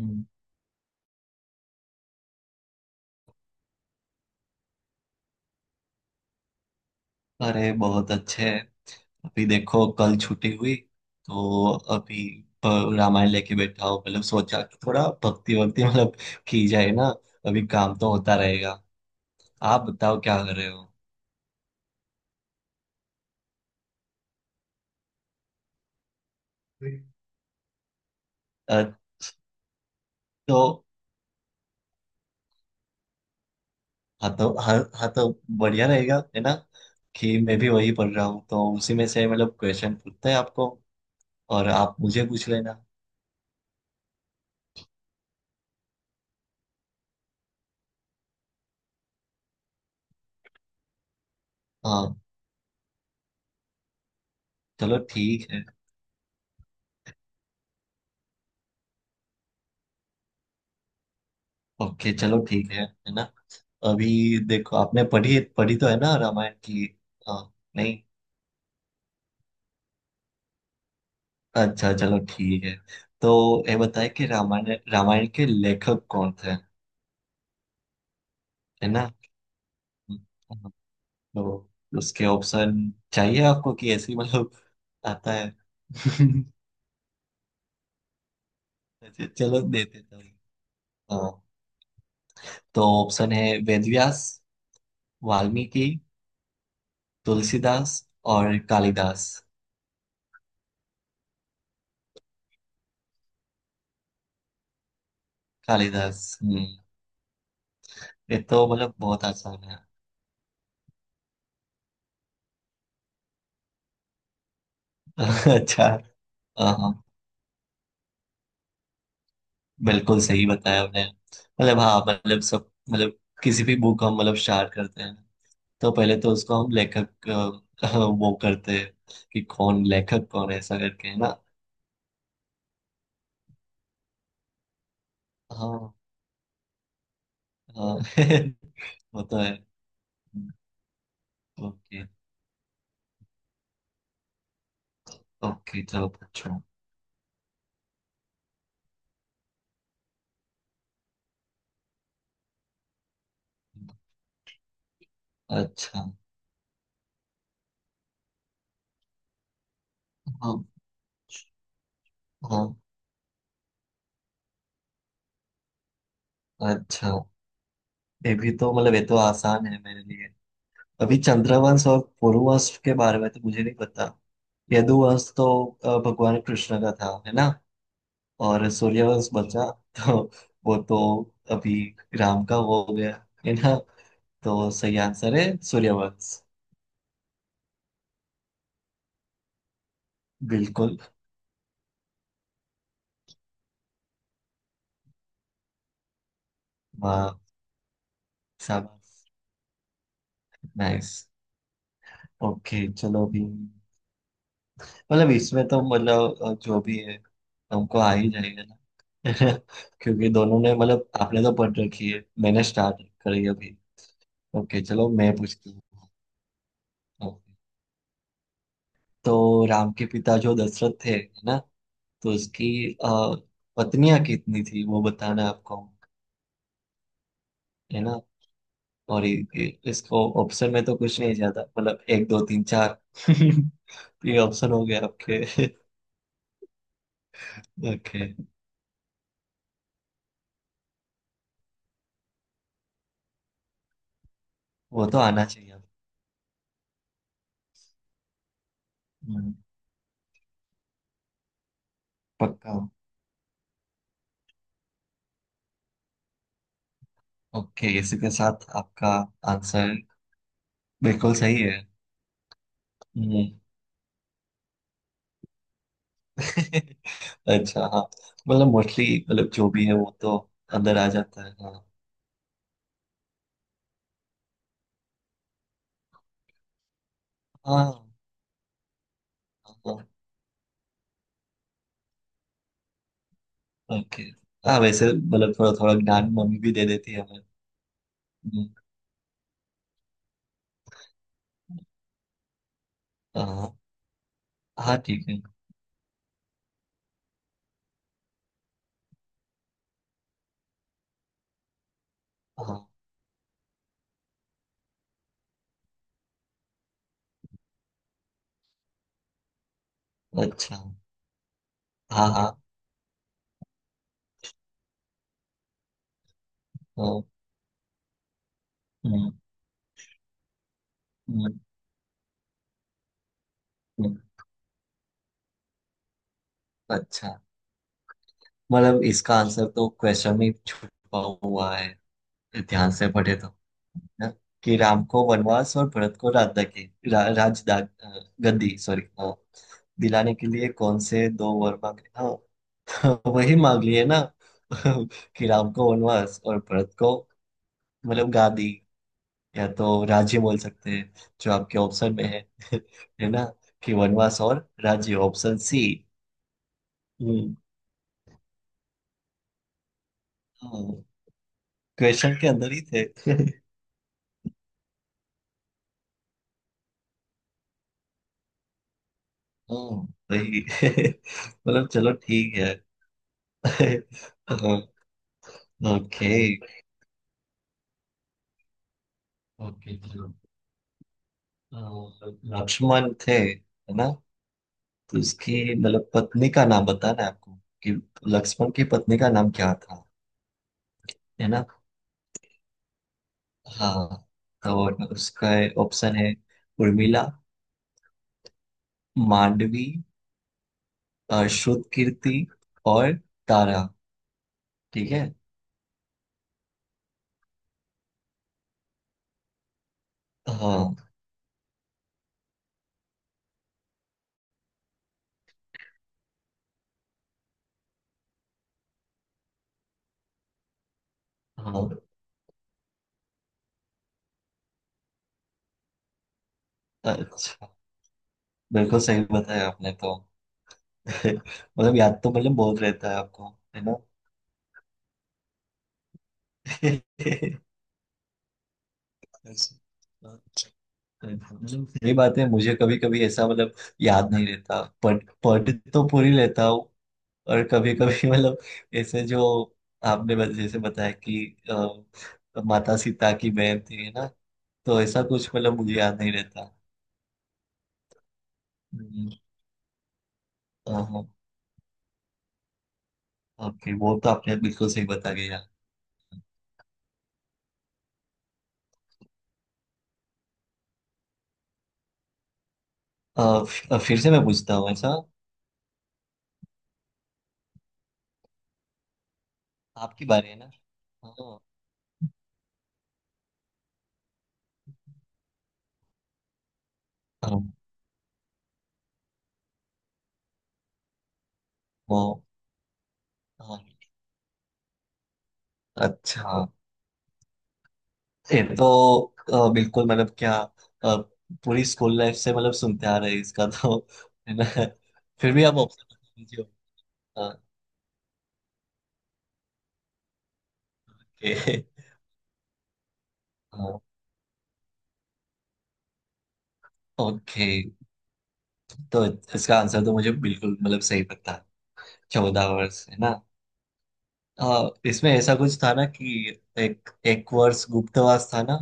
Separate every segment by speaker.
Speaker 1: हम्म। अरे बहुत अच्छे हैं। अभी देखो, कल छुट्टी हुई तो अभी अ, रामायण लेके बैठा हूँ। मतलब सोचा कि थोड़ा भक्ति वक्ति मतलब की जाए ना। अभी काम तो होता रहेगा। आप बताओ क्या कर रहे हो। अ, तो हाँ, तो हाँ हाँ, तो बढ़िया रहेगा, है ना। कि मैं भी वही पढ़ रहा हूँ, तो उसी में से मतलब क्वेश्चन पूछते हैं आपको, और आप मुझे पूछ लेना। हाँ, चलो ठीक है। ओके, चलो ठीक है ना। अभी देखो, आपने पढ़ी पढ़ी तो है ना रामायण की। हाँ। नहीं। अच्छा, चलो ठीक है। तो ये बताए कि रामायण रामायण के लेखक कौन थे? है ना। हाँ, तो उसके ऑप्शन चाहिए आपको, कि ऐसे ही, मतलब आता है? अच्छा, चलो देते तो। हाँ। तो ऑप्शन है, वेद व्यास, वाल्मीकि, तुलसीदास और कालिदास। कालिदास, हम्म। ये तो मतलब बहुत आसान है। अच्छा। हाँ हाँ। बिल्कुल सही बताया आपने, मतलब हाँ, मतलब सब, मतलब किसी भी बुक हम मतलब स्टार्ट करते हैं। तो पहले तो उसको हम लेखक वो करते हैं कि कौन लेखक, कौन है, ऐसा करके, है ना। हाँ हाँ। वो तो है। ओके। ओके चलो पूछो। अच्छा हाँ हाँ। अच्छा, ये भी तो मतलब, ये तो आसान है मेरे लिए। अभी चंद्रवंश और पुरुवंश के बारे में तो मुझे नहीं पता। यदुवंश तो भगवान कृष्ण का था, है ना। और सूर्यवंश बचा, तो वो तो अभी राम का वो हो गया, है ना। तो सही आंसर है सूर्यवंश। बिल्कुल। वाह, शाबाश, नाइस। ओके, चलो अभी मतलब इसमें तो मतलब जो भी है हमको आ ही जाएगा ना। क्योंकि दोनों ने मतलब आपने तो पढ़ रखी है, मैंने स्टार्ट करी अभी। ओके, चलो मैं पूछती हूँ। तो राम के पिता जो दशरथ थे, है ना, तो उसकी पत्नियां कितनी थी वो बताना है आपको। है ना। और इसको ऑप्शन में तो कुछ नहीं ज्यादा, मतलब एक दो तीन चार तो ये ऑप्शन हो गया आपके। ओके। वो तो आना चाहिए। हम्म, पक्का। ओके, इसी के साथ आपका आंसर बिल्कुल सही है। हम्म। अच्छा हाँ, मतलब मोस्टली, मतलब जो भी है वो तो अंदर आ जाता है, हाँ। हाँ हाँ। ओके। हाँ, वैसे मतलब थोड़ा थोड़ा ज्ञान मम्मी भी दे देती है हमें। हम्म, हाँ हाँ ठीक है। हाँ। अच्छा। हाँ हाँ। हाँ, हम्म। हम्म, हम्म, अच्छा। मतलब इसका आंसर तो क्वेश्चन में छुपा हुआ है। ध्यान से पढ़े तो ना? कि राम को वनवास और भरत को राज की, राज गद्दी, सॉरी, हाँ, दिलाने के लिए कौन से दो वर मांगे, हाँ। वही मांग लिए ना। कि राम को वनवास और भरत को मतलब गांधी, या तो राज्य बोल सकते हैं, जो आपके ऑप्शन में है। है ना। कि वनवास और राज्य, ऑप्शन सी। हम्म। क्वेश्चन के अंदर ही थे। हम्म, सही। मतलब चलो ठीक है। ओके। ओके, चलो अ, लक्ष्मण थे, है ना, तो उसकी मतलब पत्नी का नाम बताना है आपको, कि लक्ष्मण की पत्नी का नाम क्या था। है ना। हाँ, तो उसका ऑप्शन है, उर्मिला, मांडवी, श्रुत कीर्ति और तारा। ठीक है। हाँ हाँ। अच्छा, बिल्कुल सही बताया आपने तो। मतलब याद तो मतलब बहुत रहता है आपको, है ना। अच्छा, मतलब सही बात है, मुझे कभी कभी ऐसा मतलब याद नहीं रहता, पढ़ पढ़ तो पूरी लेता हूँ, और कभी कभी मतलब ऐसे, जो आपने जैसे बताया कि माता सीता की बहन थी, है ना, तो ऐसा कुछ मतलब मुझे याद नहीं रहता। हम्म, अ, ओके, वो तो आपने बिल्कुल सही बता दिया। फिर से मैं पूछता हूँ ऐसा। आपकी बारी है ना। हाँ। हाँ, वो। हाँ, अच्छा। ये तो बिल्कुल मतलब क्या, अ, पूरी स्कूल लाइफ से मतलब सुनते आ रहे हैं इसका तो। है ना। फिर भी आप ऑप्शन दीजिए। ओके। हाँ, ओके। तो इसका आंसर तो मुझे बिल्कुल मतलब सही पता, चौदह वर्ष, है ना। हाँ इसमें ऐसा कुछ था ना कि एक एक वर्ष गुप्तवास था ना।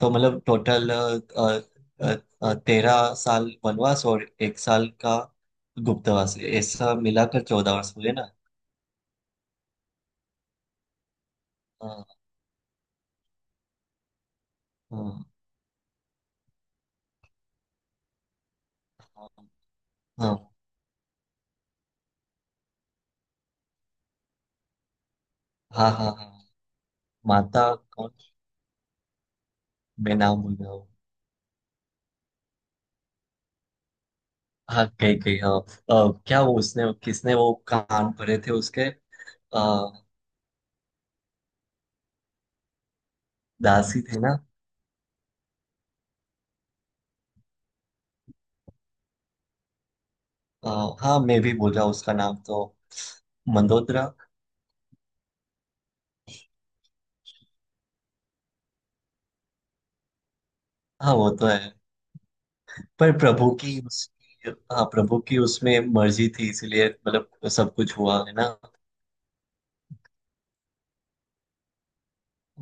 Speaker 1: तो मतलब टोटल तेरह साल वनवास और एक साल का गुप्तवास, ऐसा मिलाकर चौदह वर्ष हुए ना। हाँ हाँ हाँ हाँ हाँ हाँ। माता कौन, मैं नाम भूल रहा हूँ। हाँ, कही कही, हाँ। क्या वो, उसने किसने, वो कान भरे थे उसके। अ, दासी थे ना। अ, हाँ, मैं भी बोल रहा हूँ, उसका नाम तो मंदोदरा। हाँ, वो तो है। पर प्रभु की, उसकी, हाँ, प्रभु की उसमें मर्जी थी, इसीलिए मतलब सब कुछ हुआ है ना।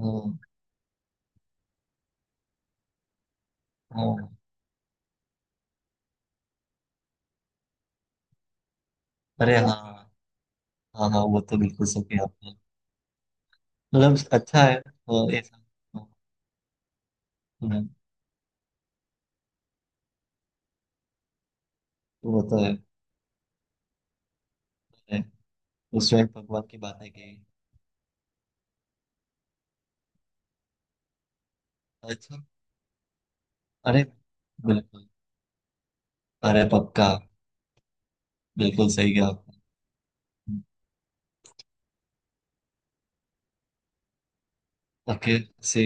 Speaker 1: हम्म, हाँ। अरे हाँ हाँ हाँ, वो तो बिल्कुल सही कहा आपने। मतलब अच्छा है, हाँ, ऐसा। हाँ, हाँ, वो तो है। अरे, उसमें भगवान की बातें की। अच्छा। अरे बिल्कुल। अरे पक्का, बिल्कुल सही कहा आपने। ओके, सी।